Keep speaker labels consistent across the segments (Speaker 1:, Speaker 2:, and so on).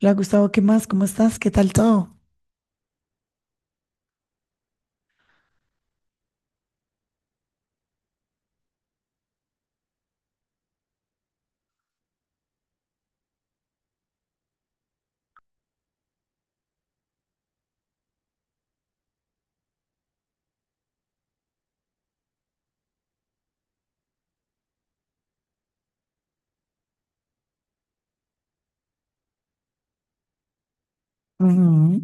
Speaker 1: Hola Gustavo, ¿qué más? ¿Cómo estás? ¿Qué tal todo? Ujú.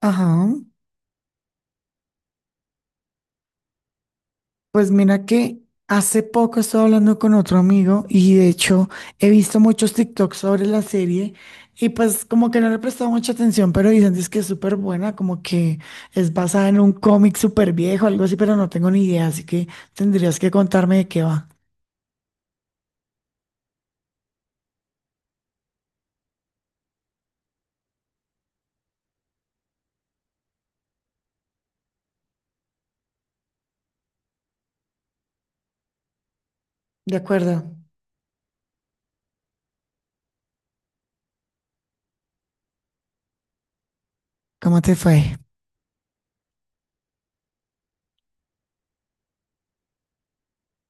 Speaker 1: Ajá. Pues mira que hace poco estaba hablando con otro amigo y de hecho he visto muchos TikToks sobre la serie y pues como que no le he prestado mucha atención, pero dicen es que es súper buena, como que es basada en un cómic súper viejo, algo así, pero no tengo ni idea, así que tendrías que contarme de qué va. De acuerdo. ¿Cómo te fue?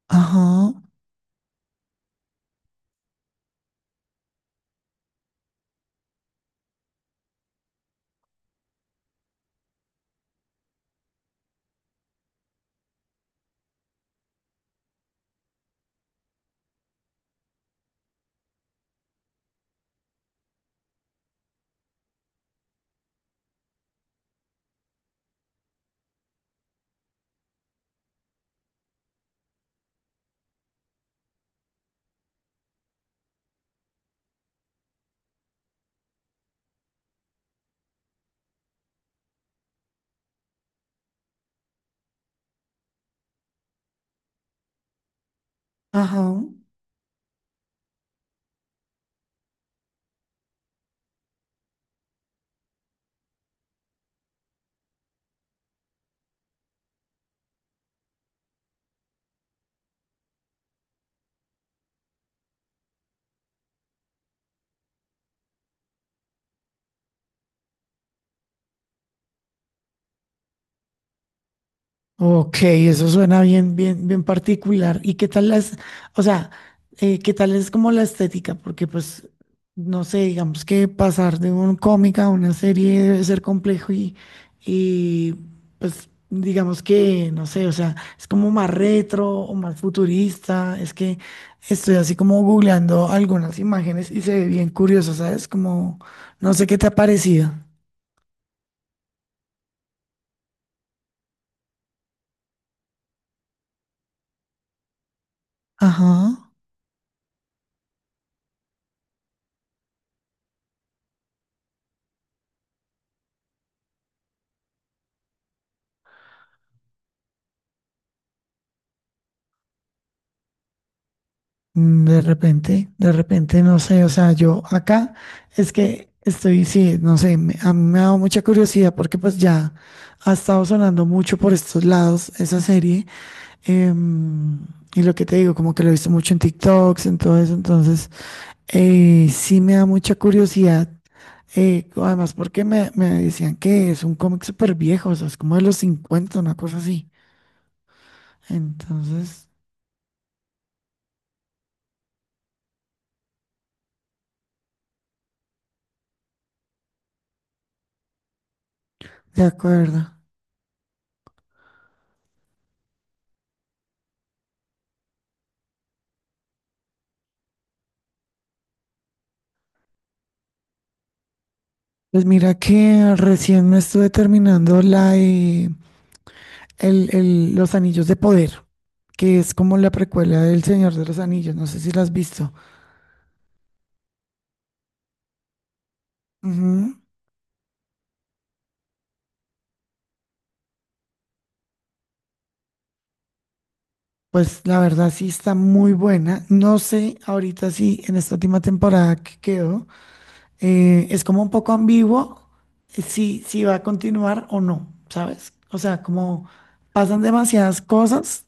Speaker 1: Ajá, ajá. Ok, eso suena bien, bien, bien particular. O sea, ¿qué tal es como la estética? Porque pues, no sé, digamos que pasar de un cómic a una serie debe ser complejo y pues, digamos que, no sé, o sea, es como más retro o más futurista. Es que estoy así como googleando algunas imágenes y se ve bien curioso, ¿sabes? Como, no sé qué te ha parecido. Ajá. Mm. De repente, no sé, o sea, yo acá es que estoy, sí, no sé, a mí me ha dado mucha curiosidad porque pues ya ha estado sonando mucho por estos lados esa serie. em, y lo que te digo, como que lo he visto mucho en TikToks, en todo eso, entonces sí me da mucha curiosidad. Además, porque me decían que es un cómic súper viejo, o sea, es como de los cincuenta, una cosa así. Entonces, de acuerdo. Pues mira que recién me estuve terminando Los Anillos de Poder, que es como la precuela del Señor de los Anillos, no sé si la has visto. Ujú. Pues la verdad sí está muy buena. No sé ahorita si en esta última temporada que quedó, es como un poco ambiguo, si va a continuar o no, ¿sabes? O sea, como pasan demasiadas cosas.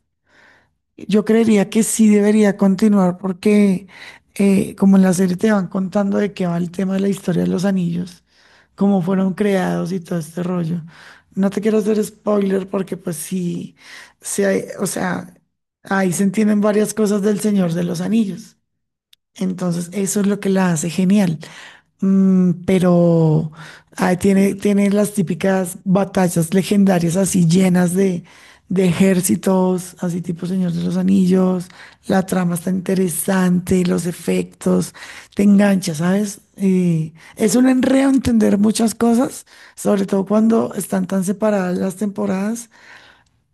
Speaker 1: Yo creería que sí debería continuar porque, como en la serie te van contando de qué va el tema de la historia de los anillos, cómo fueron creados y todo este rollo. No te quiero hacer spoiler porque pues sí, o sea, ahí se entienden varias cosas del Señor de los Anillos. Entonces, eso es lo que la hace genial. Mm, pero ahí tiene las típicas batallas legendarias así llenas de ejércitos, así tipo Señor de los Anillos. La trama está interesante, los efectos, te engancha, ¿sabes? Y es un enredo entender muchas cosas, sobre todo cuando están tan separadas las temporadas.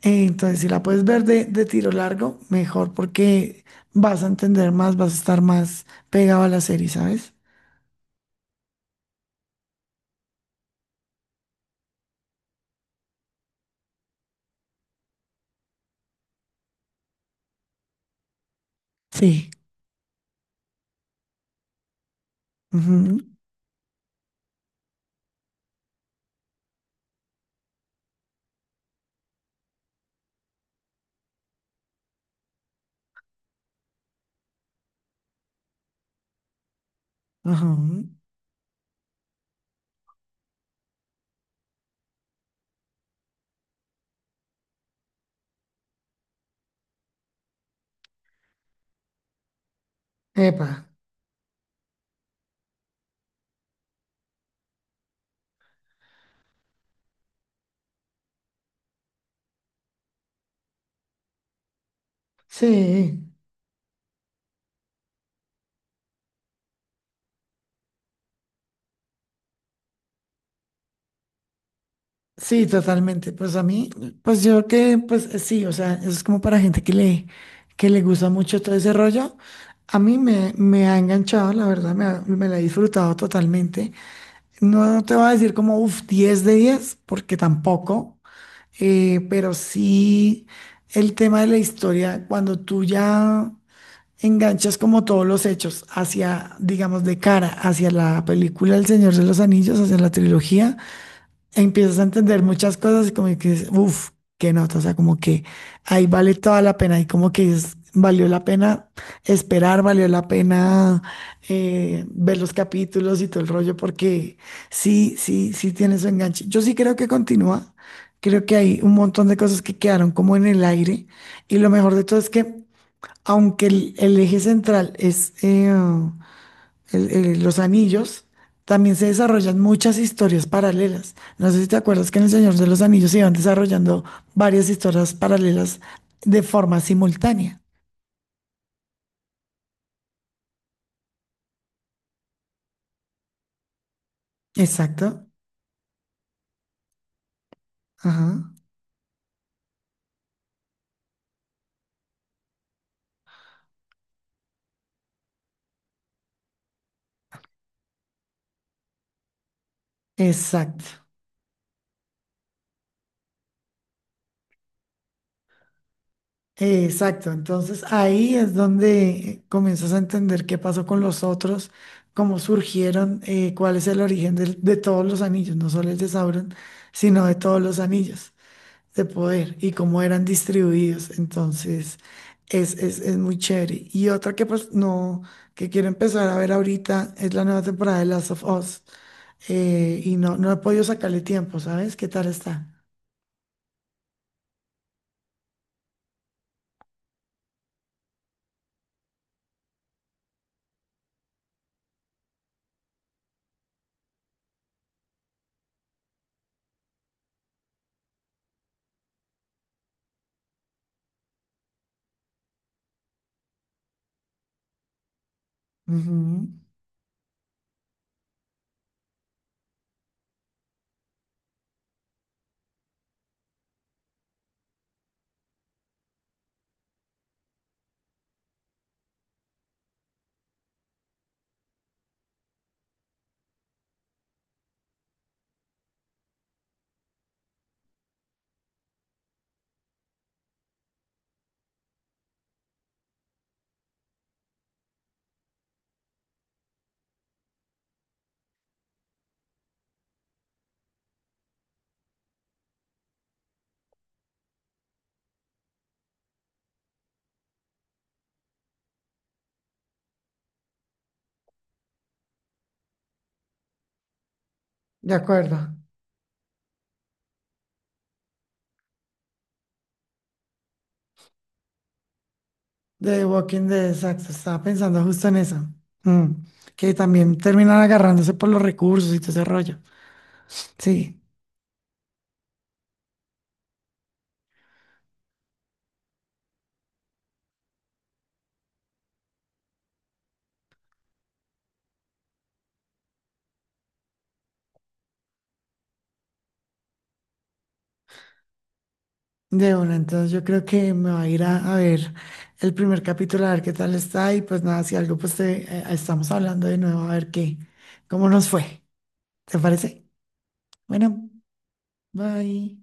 Speaker 1: Entonces, si la puedes ver de tiro largo, mejor porque vas a entender más, vas a estar más pegado a la serie, ¿sabes? Sí. Ujú, ujú. Epa. Sí, sí, totalmente. Pues a mí, pues yo que, pues sí, o sea, eso es como para gente que que le gusta mucho todo ese rollo. A mí me ha enganchado, la verdad, me la he disfrutado totalmente. No te voy a decir como, uff, 10 de 10 porque tampoco. Pero sí, el tema de la historia, cuando tú ya enganchas como todos los hechos hacia, digamos, de cara, hacia la película El Señor de los Anillos, hacia la trilogía, empiezas a entender muchas cosas y como que dices, uff, qué nota, o sea, como que ahí vale toda la pena y como que es, valió la pena esperar, valió la pena ver los capítulos y todo el rollo, porque sí, sí, sí tiene su enganche. Yo sí creo que continúa, creo que hay un montón de cosas que quedaron como en el aire y lo mejor de todo es que aunque el eje central es... los anillos, también se desarrollan muchas historias paralelas. No sé si te acuerdas que en El Señor de los Anillos se iban desarrollando varias historias paralelas de forma simultánea. Exacto. Ajá. Exacto. Exacto. Entonces ahí es donde comienzas a entender qué pasó con los otros, cómo surgieron, cuál es el origen todos los anillos, no solo el de Sauron, sino de todos los anillos de poder y cómo eran distribuidos. Entonces, es muy chévere. Y otra que pues no, que quiero empezar a ver ahorita es la nueva temporada de Last of Us. Eh, y no, no he podido sacarle tiempo, ¿sabes? ¿Qué tal está? Ujú. De acuerdo. De The Walking Dead, exacto. Estaba pensando justo en eso. Mm. Que también terminan agarrándose por los recursos y todo ese rollo. Sí. De una, entonces yo creo que me va a ir a ver el primer capítulo, a ver qué tal está y pues nada, si algo pues te, estamos hablando de nuevo, a ver qué, cómo nos fue. ¿Te parece? Bueno, bye.